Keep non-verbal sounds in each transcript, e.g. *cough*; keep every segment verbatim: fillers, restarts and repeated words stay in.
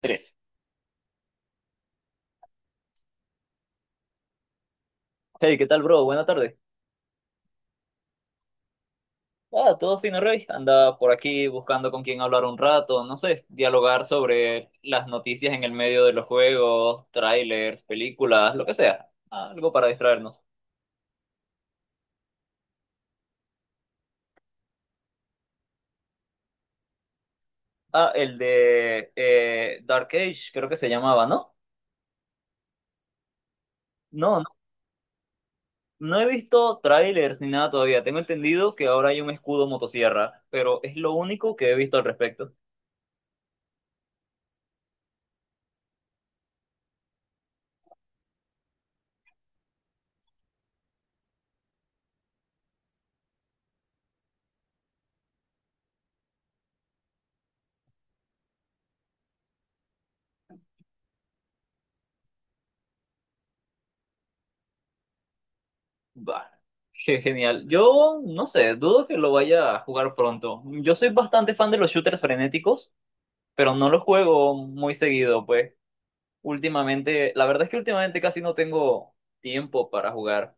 Tres. Hey, ¿qué tal, bro? Buenas tardes. Ah, todo fino, Rey. Anda por aquí buscando con quién hablar un rato, no sé, dialogar sobre las noticias en el medio de los juegos, trailers, películas, lo que sea. Ah, algo para distraernos. Ah, el de eh, Dark Age, creo que se llamaba, ¿no? No, no, no he visto trailers ni nada todavía. Tengo entendido que ahora hay un escudo motosierra, pero es lo único que he visto al respecto. Bah, qué genial. Yo no sé, dudo que lo vaya a jugar pronto. Yo soy bastante fan de los shooters frenéticos, pero no los juego muy seguido, pues. Últimamente, la verdad es que últimamente casi no tengo tiempo para jugar.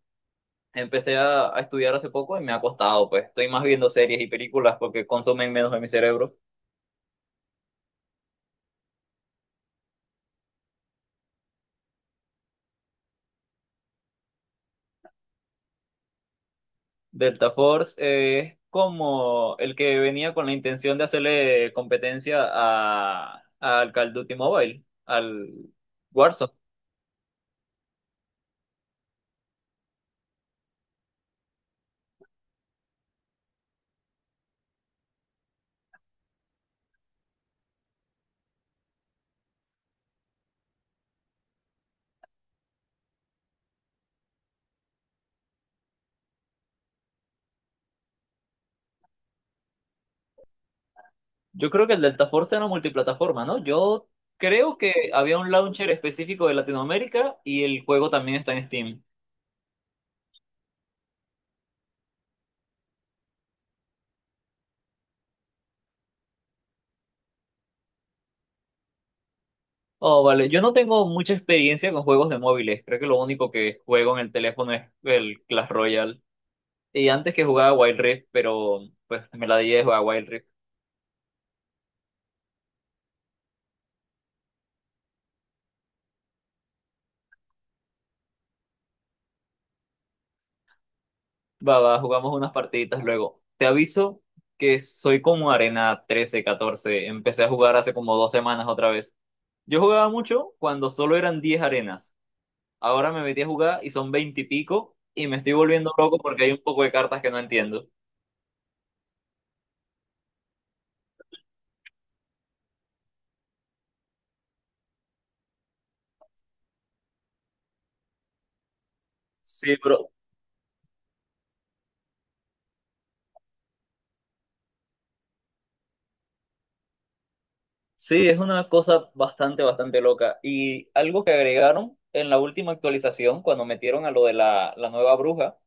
Empecé a, a estudiar hace poco y me ha costado, pues. Estoy más viendo series y películas porque consumen menos de mi cerebro. Delta Force eh, es como el que venía con la intención de hacerle competencia a, al Call of Duty Mobile, al Warzone. Yo creo que el Delta Force era multiplataforma, ¿no? Yo creo que había un launcher específico de Latinoamérica y el juego también está en Steam. Oh, vale. Yo no tengo mucha experiencia con juegos de móviles. Creo que lo único que juego en el teléfono es el Clash Royale. Y antes que jugaba Wild Rift, pero pues me la di de jugar Wild Rift. Va, va, jugamos unas partiditas luego. Te aviso que soy como Arena trece, catorce. Empecé a jugar hace como dos semanas otra vez. Yo jugaba mucho cuando solo eran diez arenas. Ahora me metí a jugar y son veinte y pico y me estoy volviendo loco porque hay un poco de cartas que no entiendo. Sí, pero sí, es una cosa bastante, bastante loca. Y algo que agregaron en la última actualización, cuando metieron a lo de la, la nueva bruja,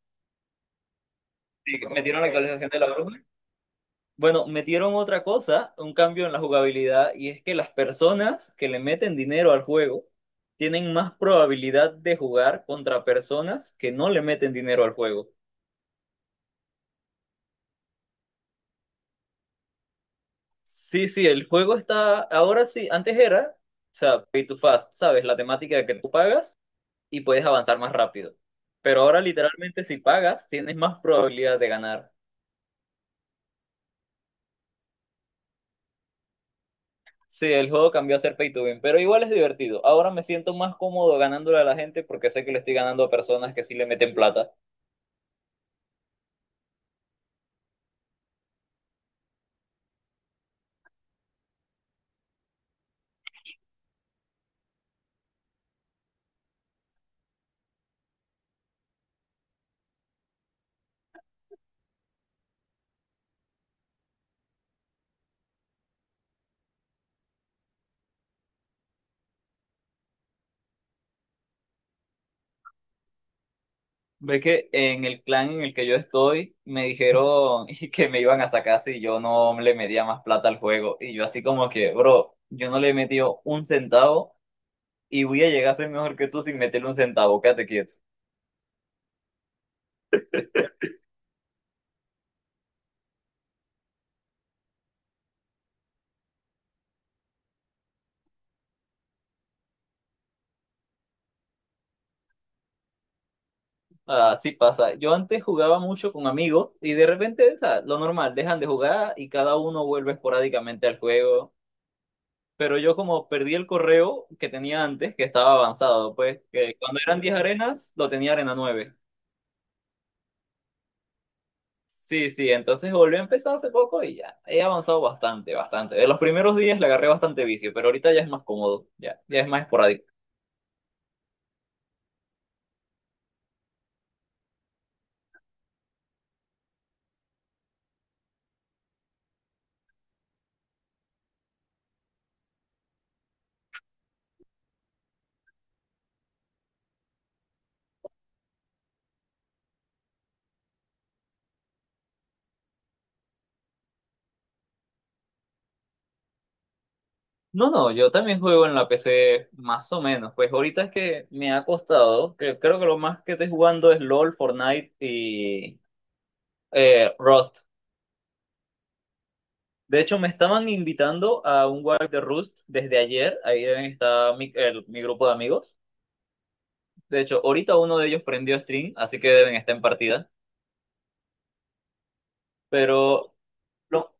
sí, que metieron la actualización de la bruja. Bueno, metieron otra cosa, un cambio en la jugabilidad, y es que las personas que le meten dinero al juego tienen más probabilidad de jugar contra personas que no le meten dinero al juego. Sí, sí, el juego está, ahora sí, antes era, o sea, pay to fast, ¿sabes? La temática que tú pagas y puedes avanzar más rápido. Pero ahora literalmente si pagas, tienes más probabilidad de ganar. Sí, el juego cambió a ser pay to win, pero igual es divertido. Ahora me siento más cómodo ganándole a la gente porque sé que le estoy ganando a personas que sí le meten plata. Ve que en el clan en el que yo estoy me dijeron *laughs* que me iban a sacar si yo no le metía más plata al juego. Y yo así como que, bro, yo no le he metido un centavo y voy a llegar a ser mejor que tú sin meterle un centavo, quédate quieto. Así pasa. Yo antes jugaba mucho con amigos y de repente, o sea, lo normal, dejan de jugar y cada uno vuelve esporádicamente al juego. Pero yo como perdí el correo que tenía antes, que estaba avanzado, pues que cuando eran diez arenas, lo tenía arena nueve. Sí, sí, entonces volví a empezar hace poco y ya he avanzado bastante, bastante. De los primeros días le agarré bastante vicio, pero ahorita ya es más cómodo, ya, ya es más esporádico. No, no, yo también juego en la P C más o menos. Pues ahorita es que me ha costado, que creo que lo más que estoy jugando es LOL, Fortnite y eh, Rust. De hecho, me estaban invitando a un Wild de Rust desde ayer. Ahí deben estar mi, el- mi grupo de amigos. De hecho, ahorita uno de ellos prendió stream, así que deben estar en partida. Pero no,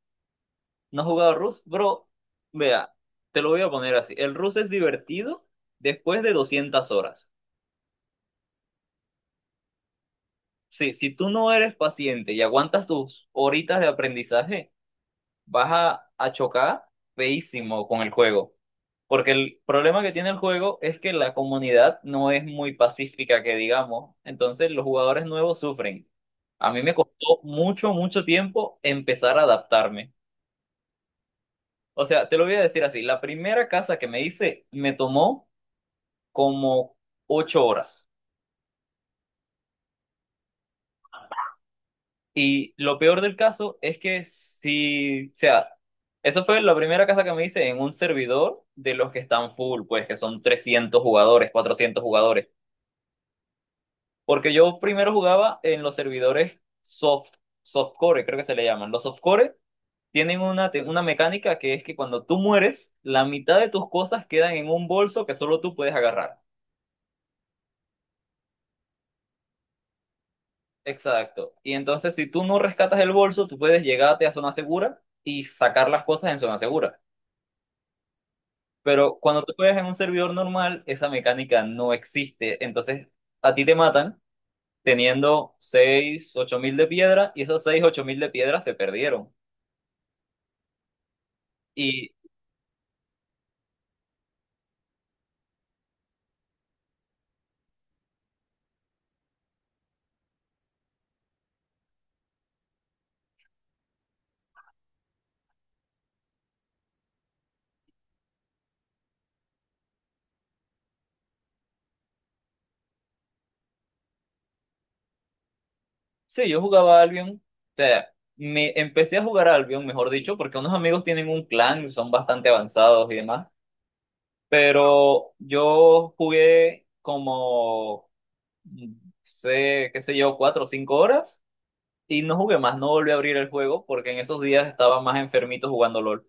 no he jugado Rust, bro. Vea, te lo voy a poner así. El Rust es divertido después de doscientas horas. Sí, si tú no eres paciente y aguantas tus horitas de aprendizaje, vas a, a chocar feísimo con el juego. Porque el problema que tiene el juego es que la comunidad no es muy pacífica, que digamos. Entonces los jugadores nuevos sufren. A mí me costó mucho, mucho tiempo empezar a adaptarme. O sea, te lo voy a decir así, la primera casa que me hice me tomó como ocho horas. Y lo peor del caso es que si, o sea, eso fue la primera casa que me hice en un servidor de los que están full, pues que son trescientos jugadores, cuatrocientos jugadores. Porque yo primero jugaba en los servidores soft, softcore, creo que se le llaman. Los softcore tienen una, te- una mecánica que es que cuando tú mueres, la mitad de tus cosas quedan en un bolso que solo tú puedes agarrar. Exacto. Y entonces si tú no rescatas el bolso, tú puedes llegarte a zona segura y sacar las cosas en zona segura. Pero cuando tú juegas en un servidor normal, esa mecánica no existe. Entonces, a ti te matan teniendo seis ocho mil de piedra y esos seis ocho mil de piedra se perdieron. Y sí, yo jugaba Albion. O sea, me empecé a jugar Albion, mejor dicho, porque unos amigos tienen un clan, son bastante avanzados y demás. Pero yo jugué como, mm, sé, qué sé yo, cuatro o cinco horas. Y no jugué más, no volví a abrir el juego porque en esos días estaba más enfermito jugando LOL.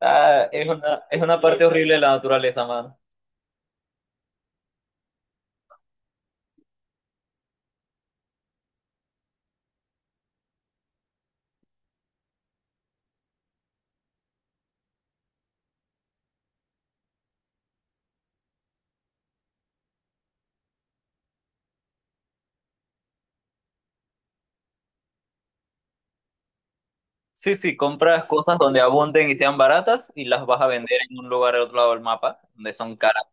Ah, es una, es una parte horrible de la naturaleza, mano. Sí, sí, compras cosas donde abunden y sean baratas y las vas a vender en un lugar al otro lado del mapa, donde son caras.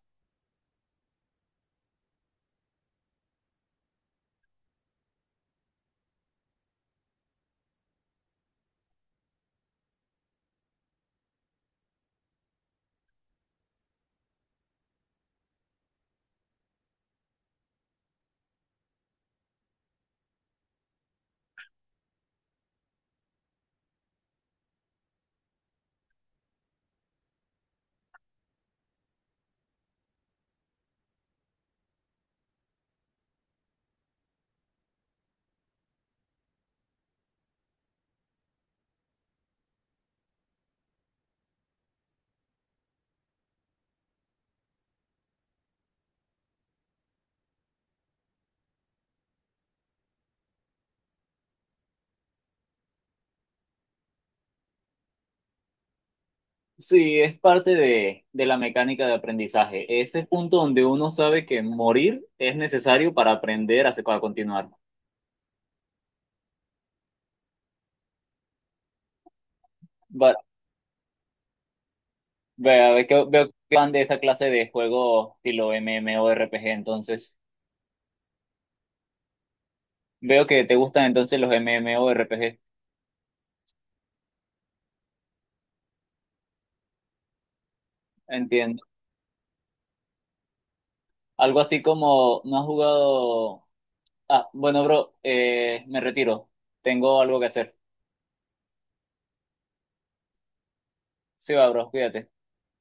Sí, es parte de, de la mecánica de aprendizaje. Ese punto donde uno sabe que morir es necesario para aprender a, se- a continuar. Va- vea, ve que- veo que van de esa clase de juego estilo MMORPG, entonces. Veo que te gustan entonces los MMORPG. Entiendo. Algo así como, ¿no has jugado? Ah, bueno, bro, eh, me retiro. Tengo algo que hacer. Sí, va, bro, cuídate.